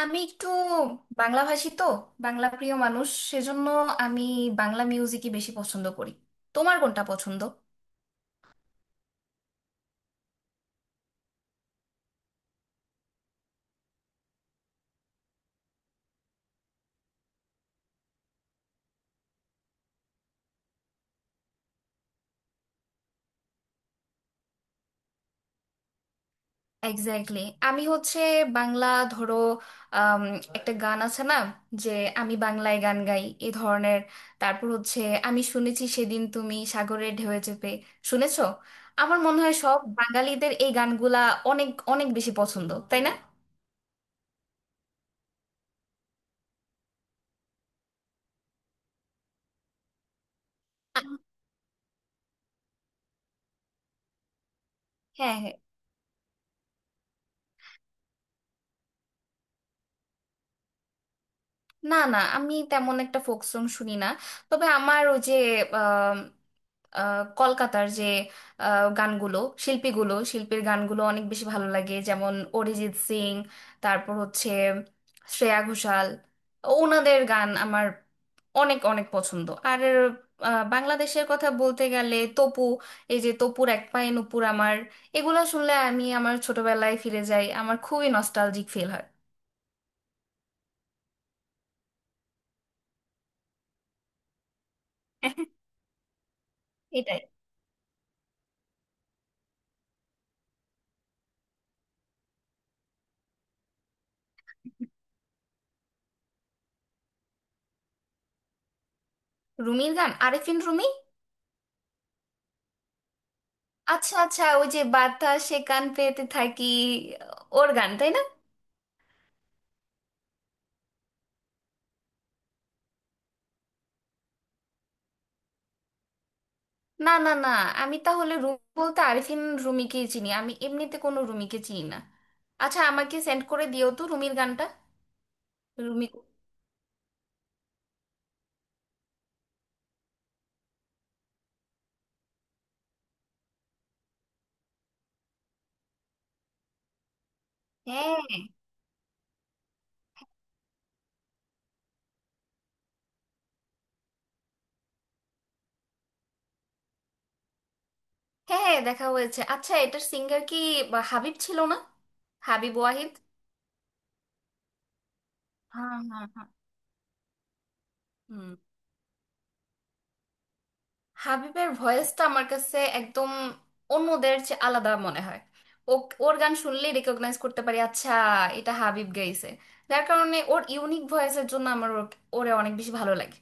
আমি একটু বাংলা ভাষী তো, বাংলা প্রিয় মানুষ সেজন্য আমি বাংলা মিউজিকই বেশি পছন্দ করি। তোমার কোনটা পছন্দ? এক্স্যাক্টলি। আমি হচ্ছে বাংলা, ধরো, আম, একটা গান আছে না, যে আমি বাংলায় গান গাই এ ধরনের। তারপর হচ্ছে আমি শুনেছি সেদিন তুমি সাগরের ঢেউয়ে চেপে, শুনেছো? আমার মনে হয় সব বাঙালিদের এই গানগুলা অনেক অনেক বেশি পছন্দ, তাই না? আ- হ্যাঁ, হ্যাঁ। না না, আমি তেমন একটা ফোক সং শুনি না। তবে আমার ওই যে আম, কলকাতার যে গানগুলো, শিল্পীগুলো, শিল্পীর গানগুলো অনেক বেশি ভালো লাগে, যেমন অরিজিৎ সিং, তারপর হচ্ছে শ্রেয়া ঘোষাল। ওনাদের গান আমার অনেক অনেক পছন্দ। আর বাংলাদেশের কথা বলতে গেলে তপু, এই যে তপুর এক পায়ে নুপুর আমার, এগুলো শুনলে আমি আমার ছোটবেলায় ফিরে যাই, আমার খুবই নস্টালজিক ফিল হয়। এটাই। রুমির গান? আরেফিন রুমি। আচ্ছা আচ্ছা, ওই যে বাতাসে কান পেতে থাকি, ওর গান তাই না? না না না, আমি তাহলে রুমি বলতে আরিফিন রুমিকেই চিনি, আমি এমনিতে কোনো রুমিকে চিনি না। আচ্ছা, আমাকে সেন্ড করে দিও তো রুমির গানটা। রুমি। হ্যাঁ হ্যাঁ হ্যাঁ, দেখা হয়েছে। আচ্ছা, এটার সিঙ্গার কি বা হাবিব ছিল না? হাবিব ওয়াহিদ। হ্যাঁ হ্যাঁ হ্যাঁ। হুম, হাবিবের ভয়েসটা আমার কাছে একদম অন্যদের চেয়ে আলাদা মনে হয়। ও, ওর গান শুনলেই রেকগনাইজ করতে পারি, আচ্ছা এটা হাবিব গাইছে। যার কারণে ওর ইউনিক ভয়েসের জন্য আমার ওরে অনেক বেশি ভালো লাগে।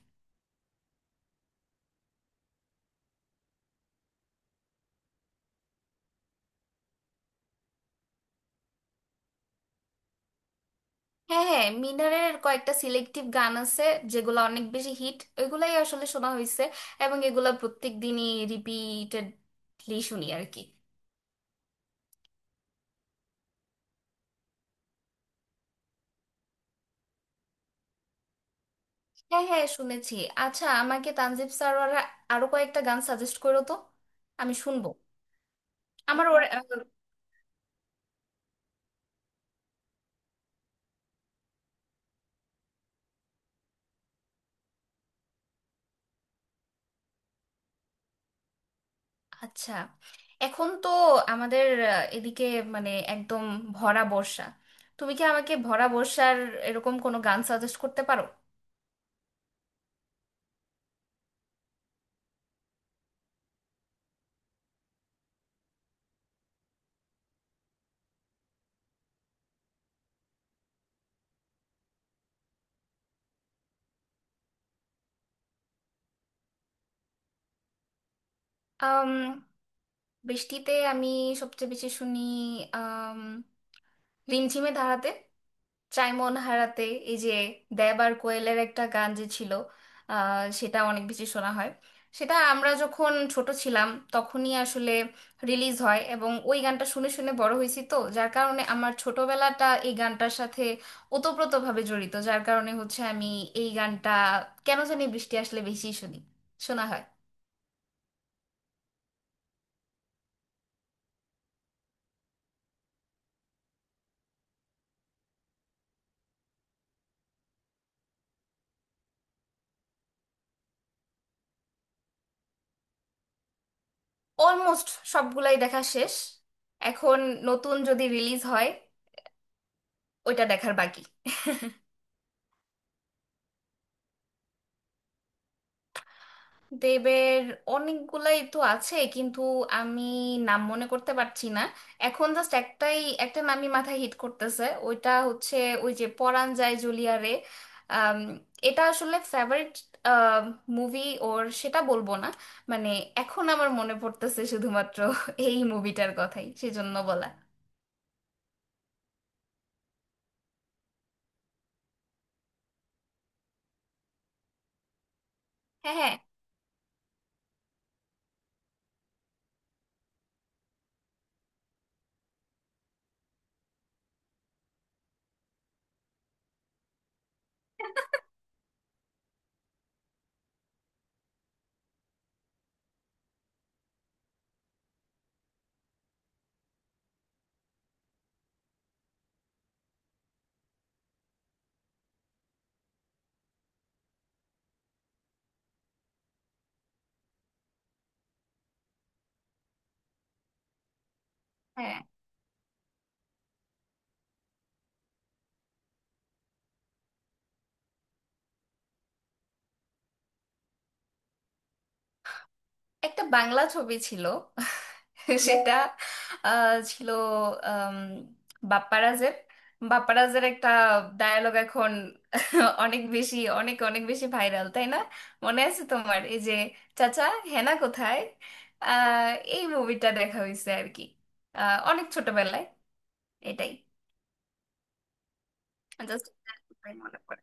হ্যাঁ হ্যাঁ, মিনারের কয়েকটা সিলেক্টিভ গান আছে, যেগুলো অনেক বেশি হিট, ওইগুলাই আসলে শোনা হয়েছে। এবং এগুলা প্রত্যেক দিনই রিপিটেডলি শুনি আর কি। হ্যাঁ হ্যাঁ, শুনেছি। আচ্ছা, আমাকে তানজিব স্যার আরো কয়েকটা গান সাজেস্ট করো তো, আমি শুনবো। আমার ওর। আচ্ছা, এখন তো আমাদের এদিকে মানে একদম ভরা বর্ষা। তুমি কি আমাকে ভরা বর্ষার এরকম কোনো গান সাজেস্ট করতে পারো? আম, বৃষ্টিতে আমি সবচেয়ে বেশি শুনি আম, রিমঝিমে ধারাতে চাই মন হারাতে, এই যে দেব আর কোয়েলের একটা গান যে ছিল, সেটা অনেক বেশি শোনা হয়। সেটা আমরা যখন ছোট ছিলাম তখনই আসলে রিলিজ হয়, এবং ওই গানটা শুনে শুনে বড় হয়েছি, তো যার কারণে আমার ছোটবেলাটা এই গানটার সাথে ওতপ্রোতভাবে জড়িত, যার কারণে হচ্ছে আমি এই গানটা কেন জানি বৃষ্টি আসলে বেশি শুনি, শোনা হয়। অলমোস্ট সবগুলাই দেখা শেষ। এখন নতুন যদি রিলিজ হয় ওইটা দেখার বাকি। দেবের অনেকগুলাই তো আছে, কিন্তু আমি নাম মনে করতে পারছি না। এখন জাস্ট একটাই, একটা নামই মাথায় হিট করতেছে, ওইটা হচ্ছে ওই যে পরাণ যায় জুলিয়া রে। আম, এটা আসলে ফেভারিট মুভি ওর সেটা বলবো না, মানে এখন আমার মনে পড়তেছে শুধুমাত্র এই মুভিটার কথাই, সেজন্য বলা। হ্যাঁ হ্যাঁ। হ্যাঁ, একটা বাংলা ছবি ছিল, সেটা ছিল আম, বাপ্পারাজের। একটা ডায়ালগ এখন অনেক বেশি, অনেক অনেক বেশি ভাইরাল, তাই না? মনে আছে তোমার, এই যে চাচা হেনা কোথায়? আহ, এই মুভিটা দেখা হয়েছে আর কি, অনেক ছোটবেলায়। এটাই, জাস্ট মনে পড়ে।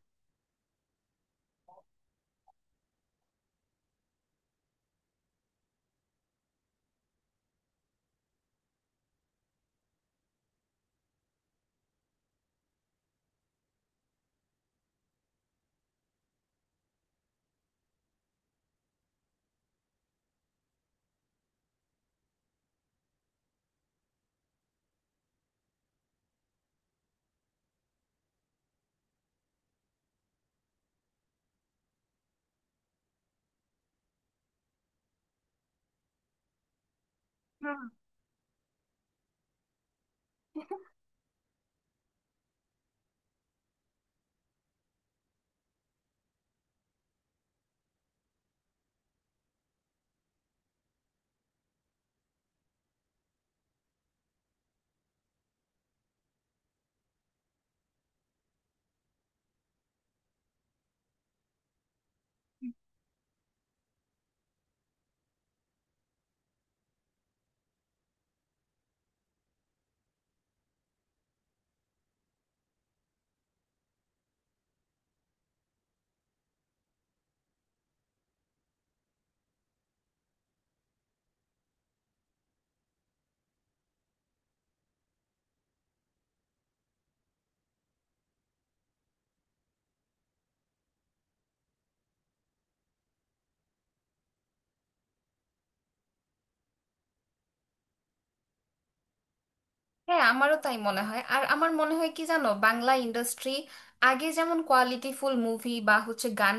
হ্যাঁ, আমারও তাই মনে হয়। আর আমার মনে হয় কি জানো, বাংলা ইন্ডাস্ট্রি আগে যেমন কোয়ালিটিফুল মুভি বা হচ্ছে গান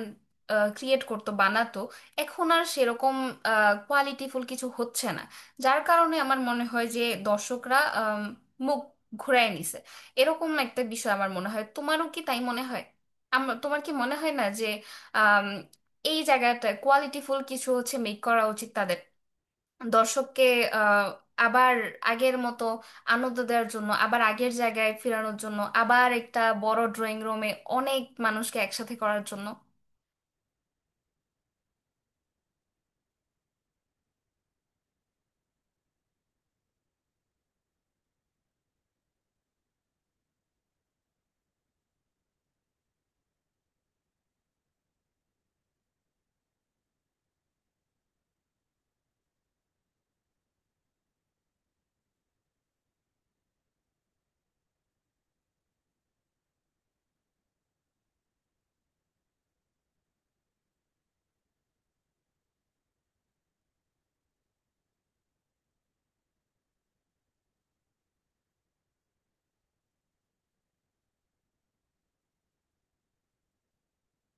ক্রিয়েট করতো, বানাতো, এখন আর সেরকম কোয়ালিটিফুল কিছু হচ্ছে না। যার কারণে আমার মনে হয় যে দর্শকরা মুখ ঘুরায় নিছে, এরকম একটা বিষয় আমার মনে হয়। তোমারও কি তাই মনে হয়? আমার, তোমার কি মনে হয় না যে আম, এই জায়গাটা কোয়ালিটিফুল কিছু হচ্ছে মেক করা উচিত, দর্শককে আহ, আবার আগের মতো আনন্দ দেওয়ার জন্য, আবার আগের জায়গায় ফেরানোর জন্য, আবার একটা বড় ড্রয়িং রুমে অনেক মানুষকে একসাথে করার জন্য।